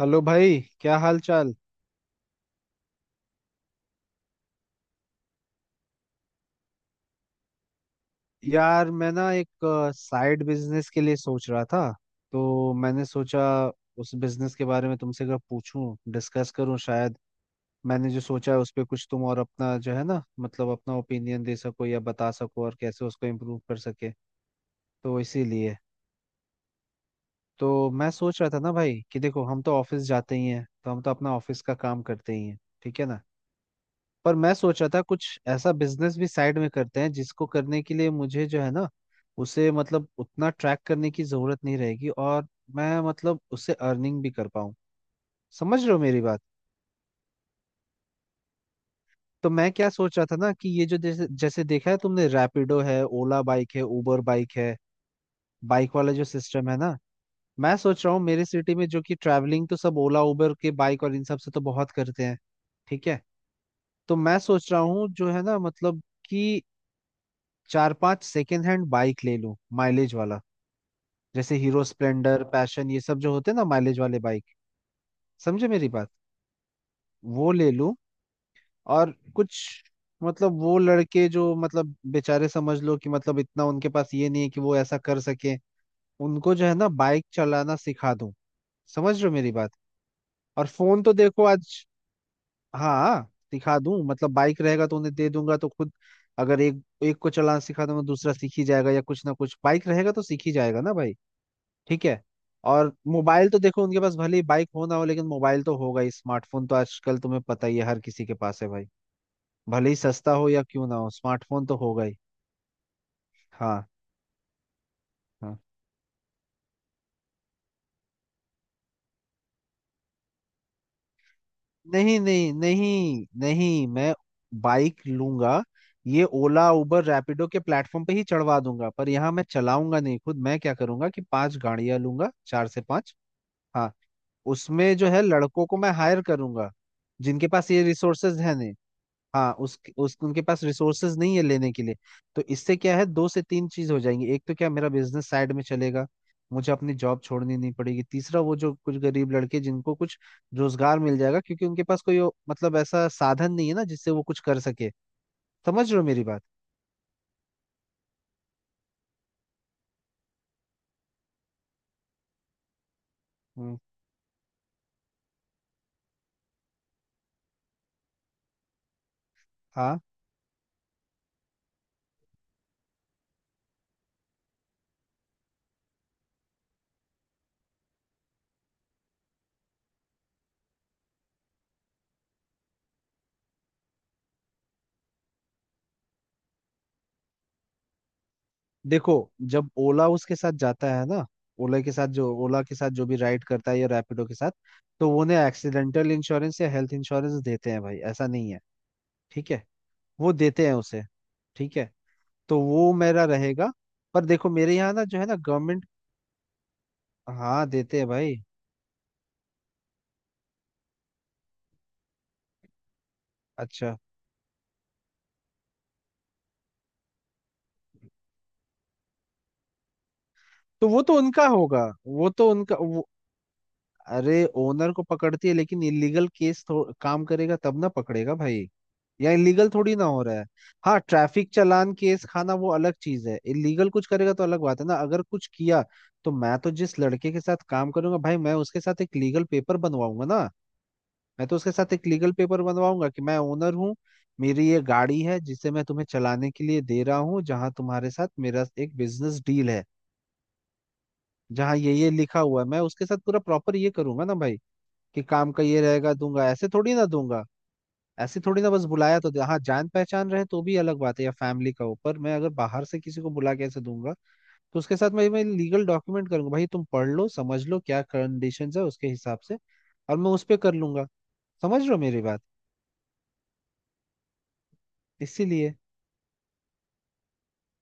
Hello भाई, क्या हाल चाल? यार मैं ना एक साइड बिजनेस के लिए सोच रहा था, तो मैंने सोचा उस बिजनेस के बारे में तुमसे अगर पूछूं, डिस्कस करूं, शायद मैंने जो सोचा है उस पे कुछ तुम, और अपना जो है ना, मतलब अपना ओपिनियन दे सको या बता सको और कैसे उसको इम्प्रूव कर सके। तो इसीलिए। तो मैं सोच रहा था ना भाई कि देखो, हम तो ऑफिस जाते ही हैं, तो हम तो अपना ऑफिस का काम करते ही हैं, ठीक है ना। पर मैं सोच रहा था कुछ ऐसा बिजनेस भी साइड में करते हैं जिसको करने के लिए मुझे जो है ना, उसे मतलब उतना ट्रैक करने की जरूरत नहीं रहेगी, और मैं मतलब उससे अर्निंग भी कर पाऊँ। समझ रहे हो मेरी बात? तो मैं क्या सोच रहा था ना, कि ये जो जैसे जैसे देखा है तुमने, रैपिडो है, ओला बाइक है, उबर बाइक है, बाइक वाला जो सिस्टम है ना। मैं सोच रहा हूँ मेरे सिटी में जो कि ट्रैवलिंग तो सब ओला उबर के बाइक और इन सब से तो बहुत करते हैं, ठीक है। तो मैं सोच रहा हूँ, जो है ना, मतलब कि चार पांच सेकेंड हैंड बाइक ले लूं, माइलेज वाला। जैसे हीरो स्प्लेंडर पैशन ये सब जो होते हैं ना, माइलेज वाले बाइक। समझे मेरी बात? वो ले लूं। और कुछ मतलब वो लड़के जो मतलब बेचारे, समझ लो कि मतलब इतना उनके पास ये नहीं है कि वो ऐसा कर सके, उनको जो है ना बाइक चलाना सिखा दूं। समझ रहे हो मेरी बात? और फोन तो देखो आज। हाँ, सिखा दूं मतलब बाइक रहेगा तो उन्हें दे दूंगा, तो खुद अगर एक एक को चलाना सिखा दूंगा, दूसरा सीख ही जाएगा या कुछ ना कुछ बाइक रहेगा तो सीख ही जाएगा ना भाई, ठीक है। और मोबाइल तो देखो, उनके पास भले ही बाइक हो ना हो, लेकिन मोबाइल तो होगा ही। स्मार्टफोन तो आजकल तुम्हें पता ही है, हर किसी के पास है भाई। भले ही सस्ता हो या क्यों ना हो, स्मार्टफोन तो होगा ही। हाँ। हाँ, नहीं नहीं नहीं नहीं, मैं बाइक लूंगा। ये ओला उबर रैपिडो के प्लेटफॉर्म पे ही चढ़वा दूंगा, पर यहाँ मैं चलाऊंगा नहीं खुद। मैं क्या करूंगा कि पांच गाड़ियां लूंगा, चार से पांच। हाँ, उसमें जो है लड़कों को मैं हायर करूंगा, जिनके पास ये रिसोर्सेज हैं। हाँ, उस उनके पास रिसोर्सेज नहीं है लेने के लिए। तो इससे क्या है, दो से तीन चीज हो जाएंगी। एक तो क्या, मेरा बिजनेस साइड में चलेगा, मुझे अपनी जॉब छोड़नी नहीं पड़ेगी, तीसरा वो जो कुछ गरीब लड़के जिनको कुछ रोजगार मिल जाएगा, क्योंकि उनके पास कोई मतलब ऐसा साधन नहीं है ना जिससे वो कुछ कर सके। समझ रहे हो मेरी बात? हम्म। हाँ। देखो, जब ओला उसके साथ जाता है ना, ओला के साथ जो, ओला के साथ जो भी राइड करता है या रैपिडो के साथ, तो वो उन्हें एक्सीडेंटल इंश्योरेंस या हेल्थ इंश्योरेंस देते हैं भाई, ऐसा नहीं है, ठीक है। वो देते हैं उसे, ठीक है। तो वो मेरा रहेगा। पर देखो मेरे यहाँ ना जो है ना गवर्नमेंट। हाँ, देते हैं भाई। अच्छा, तो वो तो उनका होगा, वो तो उनका अरे, ओनर को पकड़ती है, लेकिन इलीगल काम करेगा तब ना पकड़ेगा भाई, या इलीगल थोड़ी ना हो रहा है। हाँ, ट्रैफिक चालान केस खाना वो अलग चीज है। इलीगल कुछ करेगा तो अलग बात है ना, अगर कुछ किया। तो मैं तो जिस लड़के के साथ काम करूंगा भाई, मैं उसके साथ एक लीगल पेपर बनवाऊंगा ना। मैं तो उसके साथ एक लीगल पेपर बनवाऊंगा कि मैं ओनर हूँ, मेरी ये गाड़ी है, जिसे मैं तुम्हें चलाने के लिए दे रहा हूँ, जहाँ तुम्हारे साथ मेरा एक बिजनेस डील है, जहाँ ये लिखा हुआ है। मैं उसके साथ पूरा प्रॉपर ये करूंगा ना भाई, कि काम का ये रहेगा, दूंगा। ऐसे थोड़ी ना दूंगा, ऐसे थोड़ी ना बस बुलाया तो हाँ, जान पहचान रहे तो भी अलग बात है, या फैमिली का हो। पर मैं अगर बाहर से किसी को बुला के ऐसे दूंगा तो उसके साथ मैं लीगल डॉक्यूमेंट करूंगा भाई। तुम पढ़ लो, समझ लो क्या कंडीशंस है, उसके हिसाब से। और मैं उस पर कर लूंगा। समझ रहे हो मेरी बात? इसीलिए।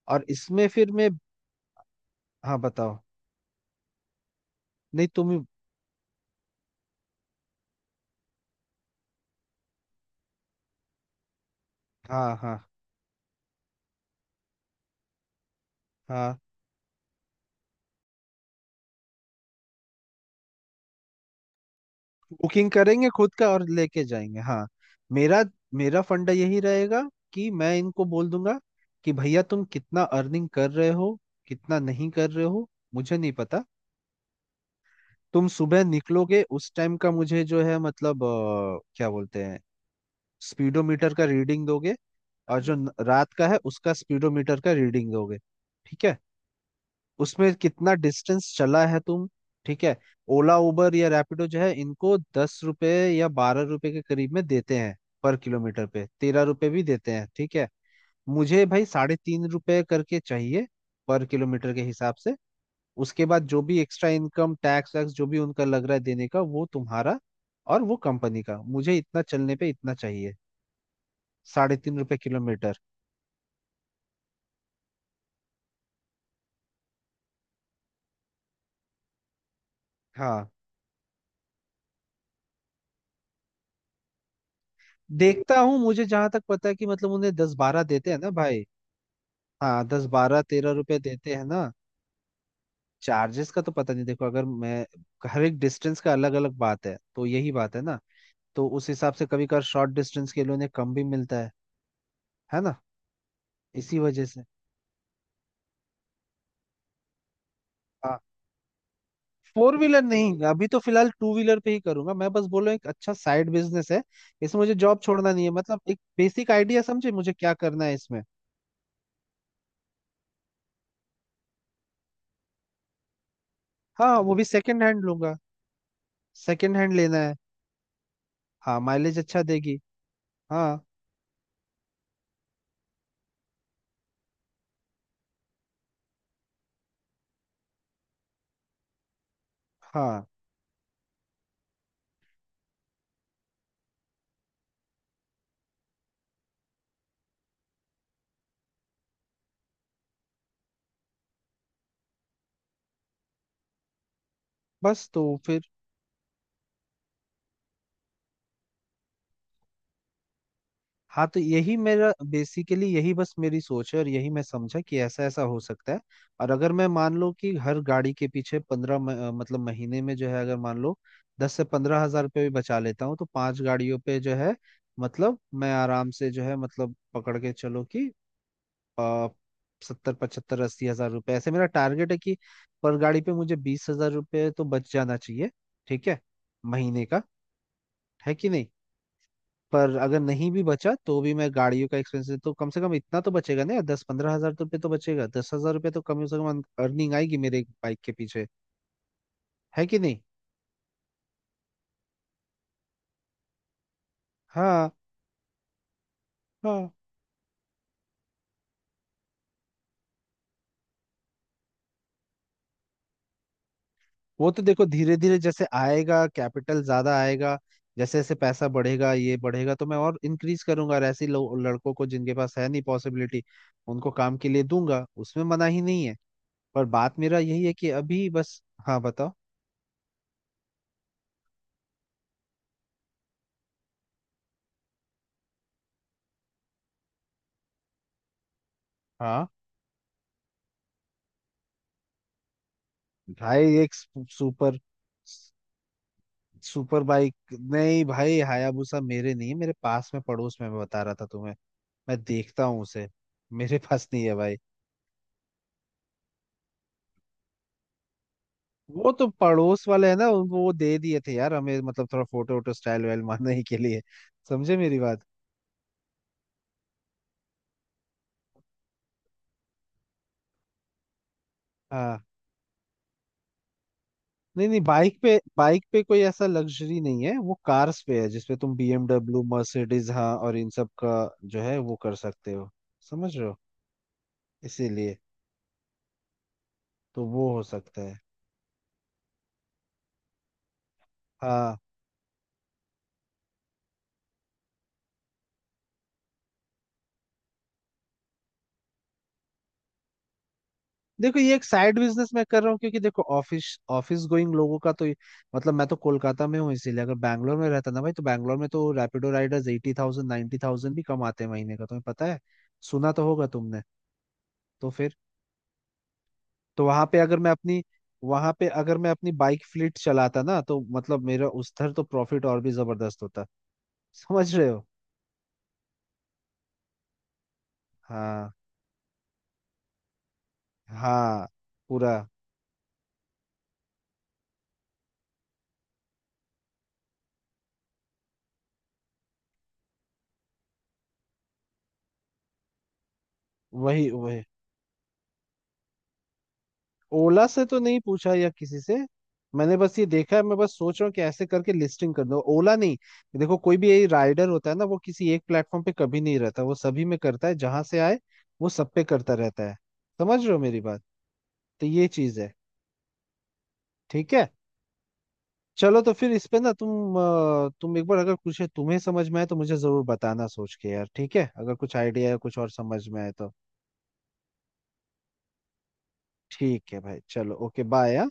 और इसमें फिर मैं, हाँ बताओ। नहीं, तुम ही। हाँ हाँ। हाँ, बुकिंग करेंगे खुद का और लेके जाएंगे, हाँ। मेरा मेरा फंडा यही रहेगा, कि मैं इनको बोल दूंगा कि भैया तुम कितना अर्निंग कर रहे हो, कितना नहीं कर रहे हो, मुझे नहीं पता। तुम सुबह निकलोगे, उस टाइम का मुझे जो है मतलब क्या बोलते हैं, स्पीडोमीटर का रीडिंग दोगे। और जो रात का है उसका स्पीडोमीटर का रीडिंग दोगे, ठीक है। उसमें कितना डिस्टेंस चला है तुम, ठीक है। ओला उबर या रैपिडो जो है इनको 10 रुपए या 12 रुपए के करीब में देते हैं, पर किलोमीटर पे। 13 रुपए भी देते हैं, ठीक है। मुझे भाई 3.5 रुपए करके चाहिए, पर किलोमीटर के हिसाब से। उसके बाद जो भी एक्स्ट्रा इनकम टैक्स वैक्स जो भी उनका लग रहा है देने का, वो तुम्हारा। और वो कंपनी का मुझे इतना चलने पे इतना चाहिए, 3.5 रुपए किलोमीटर। हाँ, देखता हूँ, मुझे जहां तक पता है कि मतलब उन्हें 10, 12 देते हैं ना भाई। हाँ, 10, 12, 13 रुपए देते हैं ना। चार्जेस का तो पता नहीं। देखो, अगर मैं हर एक डिस्टेंस का अलग अलग बात है, तो यही बात है ना। तो उस हिसाब से कभी कभार शॉर्ट डिस्टेंस के लिए उन्हें कम भी मिलता है ना, इसी वजह से। हाँ, फोर व्हीलर नहीं, अभी तो फिलहाल टू व्हीलर पे ही करूंगा मैं। बस बोलो एक अच्छा साइड बिजनेस है, इसमें मुझे जॉब छोड़ना नहीं है, मतलब एक बेसिक आइडिया। समझे मुझे क्या करना है इसमें? हाँ, वो भी सेकंड हैंड लूंगा। सेकंड हैंड लेना है। हाँ, माइलेज अच्छा देगी। हाँ। हाँ, बस तो फिर। हाँ, तो यही मेरा बेसिकली, यही बस मेरी सोच है, और यही मैं समझा कि ऐसा ऐसा हो सकता है। और अगर मैं मान लो कि हर गाड़ी के पीछे पंद्रह, मतलब महीने में जो है अगर मान लो 10 से 15 हजार रुपये भी बचा लेता हूँ, तो पांच गाड़ियों पे जो है, मतलब मैं आराम से जो है मतलब पकड़ के चलो कि आ, 70, 75, 80 हजार रुपये, ऐसे मेरा टारगेट है कि पर गाड़ी पे मुझे 20,000 रुपये तो बच जाना चाहिए, ठीक है, महीने का। है कि नहीं? पर अगर नहीं भी बचा तो भी मैं गाड़ियों का एक्सपेंसेस तो कम से कम इतना तो बचेगा ना यार, 10, 15 हजार तो रुपये तो बचेगा। 10,000 रुपये तो कम से कम अर्निंग आएगी मेरे बाइक के पीछे, है कि नहीं? हाँ। हाँ, वो तो देखो धीरे धीरे जैसे आएगा, कैपिटल ज्यादा आएगा, जैसे जैसे पैसा बढ़ेगा ये बढ़ेगा, तो मैं और इंक्रीज करूंगा और ऐसे लड़कों को जिनके पास है नहीं, पॉसिबिलिटी, उनको काम के लिए दूंगा। उसमें मना ही नहीं है। पर बात मेरा यही है कि अभी बस। हाँ बताओ। हाँ भाई, एक सुपर, सुपर बाइक नहीं भाई। हायाबुसा मेरे नहीं है, मेरे पास में, पड़ोस में। मैं बता रहा था तुम्हें, मैं देखता हूँ उसे। मेरे पास नहीं है भाई। वो तो पड़ोस वाले हैं ना, उनको वो दे दिए थे यार हमें मतलब थोड़ा फोटो वोटो स्टाइल वाइल मारने के लिए। समझे मेरी बात? हाँ, नहीं नहीं, बाइक पे, बाइक पे कोई ऐसा लग्जरी नहीं है। वो कार्स पे है, जिसपे तुम बीएमडब्ल्यू मर्सिडीज, हाँ, और इन सब का जो है वो कर सकते हो। समझ रहे हो? इसीलिए तो वो हो सकता है। हाँ। देखो, ये एक साइड बिजनेस मैं कर रहा हूँ, क्योंकि देखो ऑफिस, ऑफिस गोइंग लोगों का तो मतलब, मैं तो कोलकाता में हूँ, इसीलिए। अगर बैंगलोर में रहता ना भाई, तो बैंगलोर में तो रैपिडो राइडर्स 80,000, 90,000 भी कमाते हैं महीने का, तुम्हें पता है, सुना तो होगा तुमने। तो फिर, तो वहां पे अगर मैं अपनी, वहां पे अगर मैं अपनी बाइक फ्लीट चलाता ना, तो मतलब मेरा उधर तो प्रॉफिट और भी जबरदस्त होता। समझ रहे हो? हाँ, हाँ पूरा। वही वही, ओला से तो नहीं पूछा या किसी से। मैंने बस ये देखा है, मैं बस सोच रहा हूँ कि ऐसे करके लिस्टिंग कर दो, ओला नहीं। देखो कोई भी यही राइडर होता है ना, वो किसी एक प्लेटफॉर्म पे कभी नहीं रहता, वो सभी में करता है जहां से आए, वो सब पे करता रहता है। समझ रहे हो मेरी बात? तो ये चीज है, ठीक है। चलो, तो फिर इस पे ना तुम तुम एक बार अगर कुछ है तुम्हें समझ में आए तो मुझे जरूर बताना सोच के यार, ठीक है, अगर कुछ आइडिया या कुछ और समझ में आए तो। ठीक है भाई, चलो, ओके, बाय, हाँ?